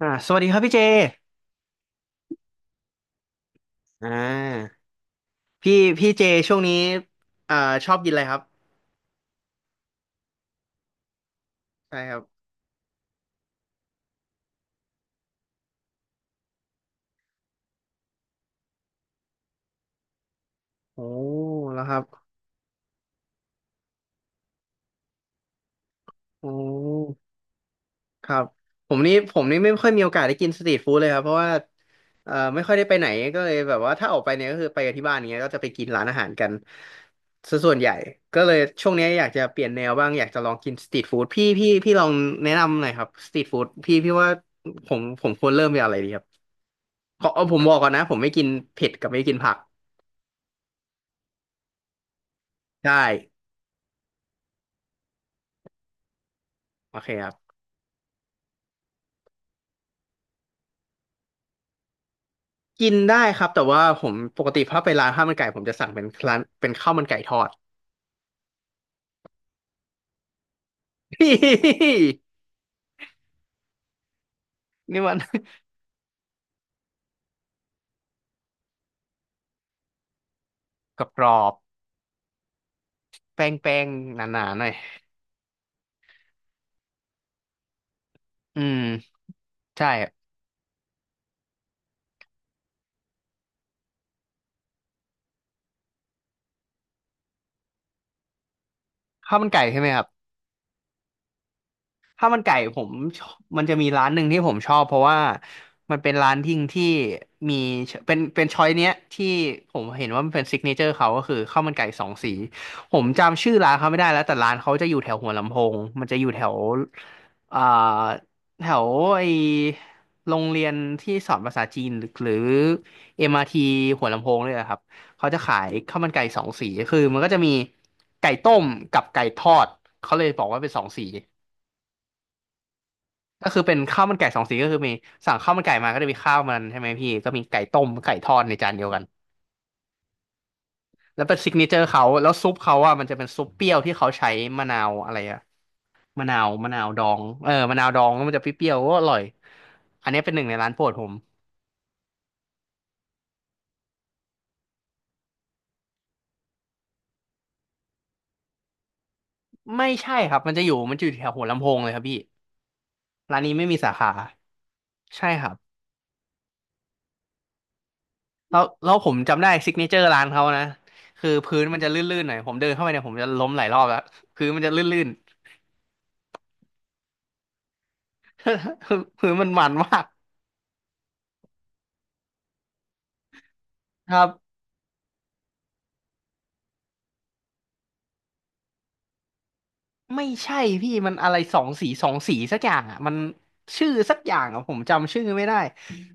สวัสดีครับพี่เจอ่าพี่เจช่วงนี้อ่าชอบกินอะไรครับใช่ครับโอ้แล้วครับโอ้ครับผมนี่ไม่ค่อยมีโอกาสได้กินสตรีทฟู้ดเลยครับเพราะว่าไม่ค่อยได้ไปไหนก็เลยแบบว่าถ้าออกไปเนี่ยก็คือไปกับที่บ้านอย่างเงี้ยก็จะไปกินร้านอาหารกันซะส่วนใหญ่ก็เลยช่วงนี้อยากจะเปลี่ยนแนวบ้างอยากจะลองกินสตรีทฟู้ดพี่ลองแนะนำหน่อยครับสตรีทฟู้ดพี่ว่าผมควรเริ่มจากอะไรดีครับขอเอาผมบอกก่อนนะผมไม่กินเผ็ดกับไม่กินผัก ได้โอเคครับกินได้ครับแต่ว่าผมปกติถ้าไปร้านข้าวมันไก่ผมจะสั่งเป็นร้านเป็นข้าวมันไก่ทอด นี่มัน กรอบๆแป้งๆหนาๆหน่อยอืมใช่ข้าวมันไก่ใช่ไหมครับ ข้าวมันไก่ผมชอบมันจะมีร้านหนึ่งที่ผมชอบเพราะว่ามันเป็นร้านทิ้งที่มีเป็นช้อยเนี้ยที่ผมเห็นว่ามันเป็นซิกเนเจอร์เขาก็คือข้าวมันไก่สองสีผมจำชื่อร้านเขาไม่ได้แล้วแต่ร้านเขาจะอยู่แถวหัวลำโพงมันจะอยู่แถวอ่าแถวไอโรงเรียนที่สอนภาษาจีนหรือ MRT หัวลำโพงเลยอะครับเขาจะขายข้าวมันไก่สองสีคือมันก็จะมีไก่ต้มกับไก่ทอดเขาเลยบอกว่าเป็นสองสี ก็คือเป็นข้าวมันไก่สองสีก็คือมีสั่งข้าวมันไก่มาก็จะมีข้าวมันใช่ไหมพี่ก็มีไก่ต้มไก่ทอดในจานเดียวกันแล้วเป็นซิกเนเจอร์เขาแล้วซุปเขาอ่ะมันจะเป็นซุปเปรี้ยวที่เขาใช้มะนาวอะไรอะมะนาวดองเออมะนาวดองแล้วมันจะเปรี้ยวๆก็อร่อยอันนี้เป็นหนึ่งในร้านโปรดผมไม่ใช่ครับมันจะอยู่แถวหัวลำโพงเลยครับพี่ร้านนี้ไม่มีสาขาใช่ครับแล้วผมจำได้ซิกเนเจอร์ร้านเขานะคือพื้นมันจะลื่นๆหน่อยผมเดินเข้าไปเนี่ยผมจะล้มหลายรอบแล้วพื้นมันจะลื่นๆ คือมันมาก ครับไม่ใช่พี่มันอะไรสองสีสองสีสักอย่างอ่ะมันชื่อสักอย่างอ่ะผมจำชื่อไม่ได้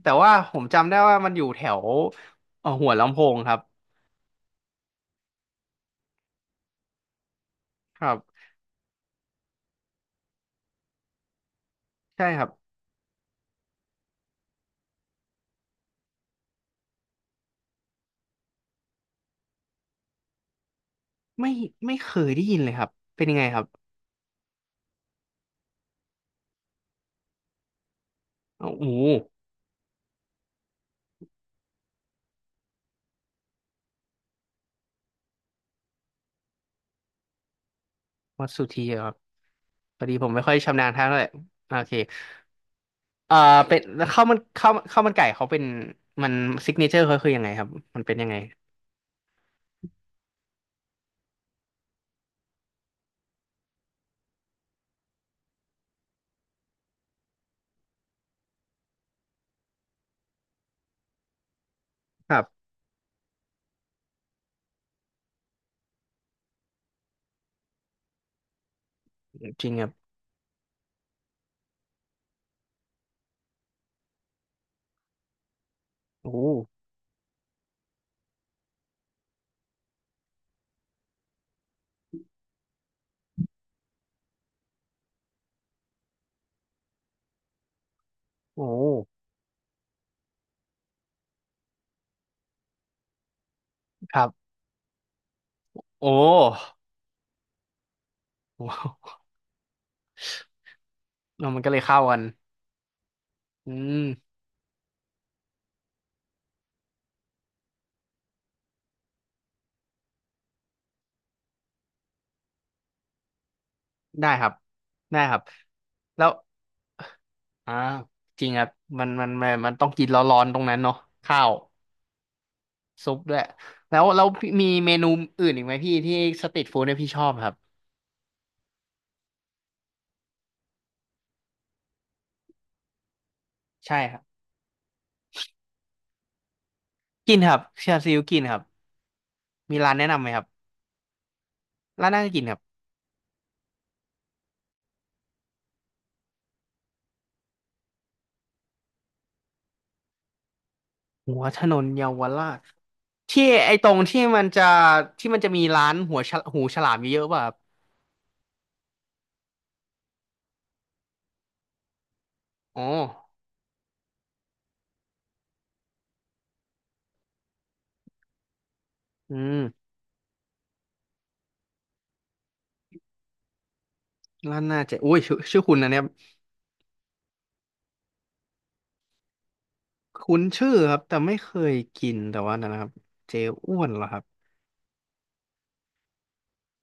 แต่ว่าผมจำได้ว่ามันอยู่แถวหัวลำโพงครับครับใช่ครับไม่ไม่เคยได้ยินเลยครับเป็นยังไงครับอ้าวโอ้โหวัดสุธีเหรอครับพอดีผมไม่ค่อยชำนาญทางเลยโอเคเอ่อเป็นข้าวมันไก่เขาเป็นมันซิกเนเจอร์เขาคือยังไงครับมันเป็นยังไงครับจริงครับโอ้โหโอ้โหครับโอ้โห เออมันก็เลยเข้ากันอืมได้ครับได้ครับแล้วอ่าจริงครับมันต้องกินร้อนๆตรงนั้นเนาะข้าวซุปด้วยแล้วพี่มีเมนูอื่นอีกไหมพี่ที่สตรีทฟู้ดเนี่ยพี่ชอบครับใช่ครับกินครับชาซิวกินครับมีร้านแนะนำไหมครับร้านน่าจะกินครับหัวถนนเยาวราชที่ไอ้ตรงที่มันจะที่มันจะมีร้านหัวฉลหูฉลามเยอะๆป่ะครับอ๋ออืมร้านน่าจะอุ้ยชื่อชื่อคุณนะเนี่ย คุ้นชื่อครับแต่ไม่เคยกินแต่ว่านะครับเจลอ้วนเหรอครับ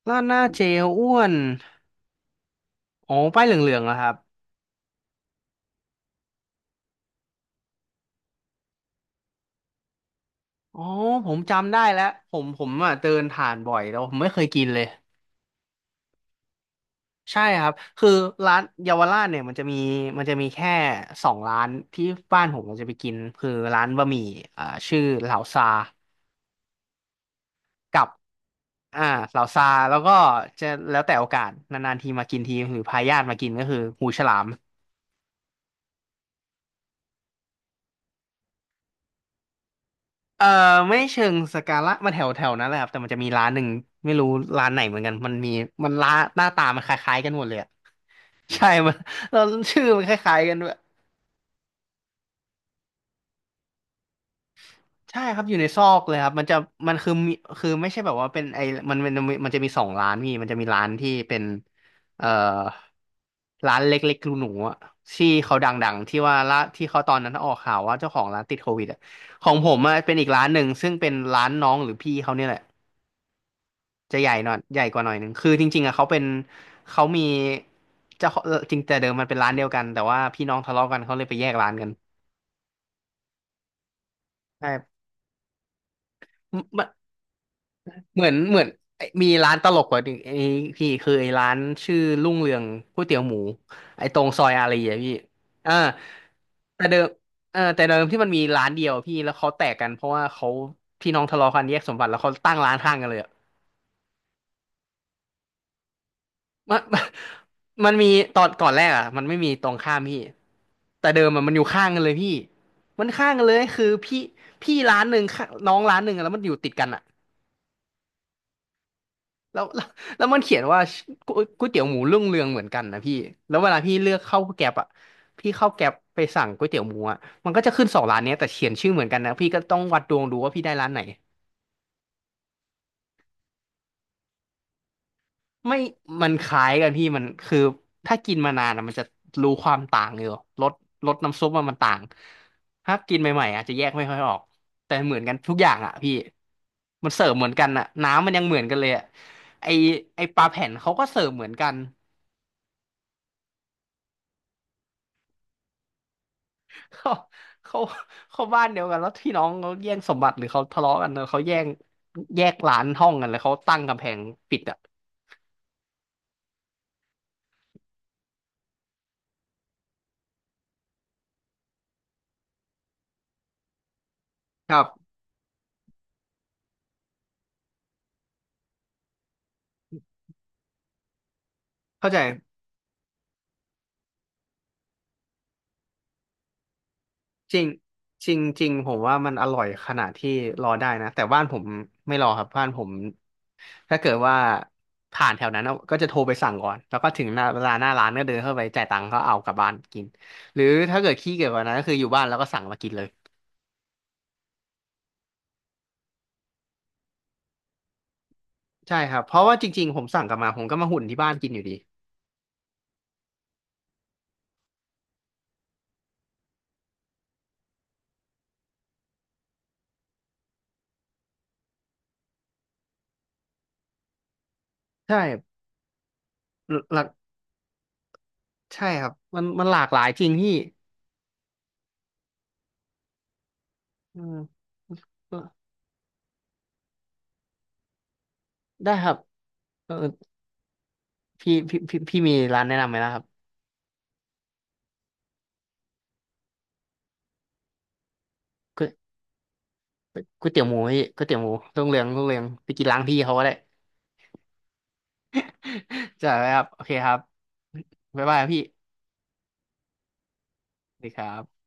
ร้านหน้าเจลอ้วนอ๋อป้ายเหลืองๆเหรอครับอ๋อผมจำได้แล้วผมอ่ะเดินผ่านบ่อยแต่ว่าผมไม่เคยกินเลยใช่ครับคือร้านเยาวราชเนี่ยมันจะมีแค่สองร้านที่บ้านผมมันจะไปกินคือร้านบะหมี่อ่าชื่อเหลาซากับอ่าเหลาซาแล้วก็จะแล้วแต่โอกาสนานๆทีมากินทีหรือพาญาติมากินก็คือหูฉลาม เออไม่เชิงสกาละมันแถวแถวนั้นแหละครับแต่มันจะมีร้านหนึ่งไม่รู้ร้านไหนเหมือนกันมันมีมันร้านหน้าตามันคล้ายๆกันหมดเลยอะใช่มันเราชื่อมันคล้ายๆกันด้วยใช่ครับอยู่ในซอกเลยครับมันจะมันคือมีคือไม่ใช่แบบว่าเป็นไอมันจะมีสองร้านพี่มันจะมีร้านที่เป็นเอ่อร้านเล็กๆรูหนูๆอะที่เขาดังๆที่ว่าละที่เขาตอนนั้นออกข่าวว่าเจ้าของร้านติดโควิดอะของผมอะเป็นอีกร้านหนึ่งซึ่งเป็นร้านน้องหรือพี่เขาเนี่ยแหละ จะใหญ่หน่อยใหญ่กว่าหน่อยหนึ่งคือจริงๆอะเขาเป็นเขามีเจ้าของจริงแต่เดิมมันเป็นร้านเดียวกันแต่ว่าพี่น้องทะเลาะกันเขาเลยไปแยกร้านกันใช่มันเหมือนไอ้มีร้านตลกกว่าหนึ่งไอ้พี่คือไอ้ร้านชื่อรุ่งเรืองก๋วยเตี๋ยวหมูไอ้ตรงซอยอารีย์อะพี่เอ่าแต่เดิมเออแต่เดิมที่มันมีร้านเดียวพี่แล้วเขาแตกกันเพราะว่าเขาพี่น้องทะเลาะกันแยกสมบัติแล้วเขาตั้งร้านข้างกันเลยอะ มัน มันมันมีตอนก่อนแรกอ่ะมันไม่มีตรงข้ามพี่แต่เดิมอะมันอยู่ข้างกันเลยพี่มันข้างกันเลยคือพี่พี่ร้านหนึ่งข้างน้องร้านหนึ่งอะแล้วมันอยู่ติดกันอ่ะแล้วแล้วแล้วมันเขียนว่าก๋วยเตี๋ยวหมูรุ่งเรืองเหมือนกันนะพี่แล้วเวลาพี่เลือกเข้าแกร็ปอ่ะพี่เข้าแกร็บไปสั่งก๋วยเตี๋ยวหมูอ่ะมันก็จะขึ้นสองร้านเนี้ยแต่เขียนชื่อเหมือนกันนะพี่ก็ต้องวัดดวงดูว่าพี่ได้ร้านไหน ไม่มันคล้ายกันพี่มันคือถ้ากินมานานอะมันจะรู้ความต่างอยู่รสรสน้ำซุปมันต่างถ้ากินใหม่ๆอาจจะแยกไม่ค่อยออกแต่เหมือนกันทุกอย่างอ่ะพี่มันเสิร์ฟเหมือนกันอ่ะน้ำมันยังเหมือนกันเลยอ่ะไอไอปลาแผ่นเขาก็เสิร์ฟเหมือนกันเขาเขาเขาบ้านเดียวกันแล้วพี่น้องเขาแย่งสมบัติหรือเขาทะเลาะกันเนอะเขาแย่งแยกร้านห้องกันแล้วเขาตั้งกำแพงปิดอ่ะครับเข้าใจ จริงจริงจริงผมว่ามันอร่อยขนาดที่รอได้นะแต่บ้านผมไม่รอครับบ้านผมถ้าเกิดว่าผ่านแถวนั้นก็จะโทรไปสั่งก่อนแล้วก็ถึงหน้าเวลาหน้าร้านก็เดินเข้าไปจ่ายตังค์ก็เอากลับบ้านกินหรือถ้าเกิดขี้เกียจกว่านั้นก็คืออยู่บ้านแล้วก็สั่งมากินเลยใช่ครับเพราะว่าจริงๆผมสั่งกลับมาผมก็มาหุ่นที่บ้านกินอยู่ดีใช่หลักใช่ครับมันหลากหลายจริงพี่อืมได้ครับเออพี่มีร้านแนะนำไหมนะครับ ก๋วยเตี๋ยวหมูพี่ก๋วยเตี๋ยวหมูรุ่งเรืองไปกินร้านพี่เขาก็ได้ จ้ะครับโอเคครับบ๊ายบายครับพี่สวัสดีครับ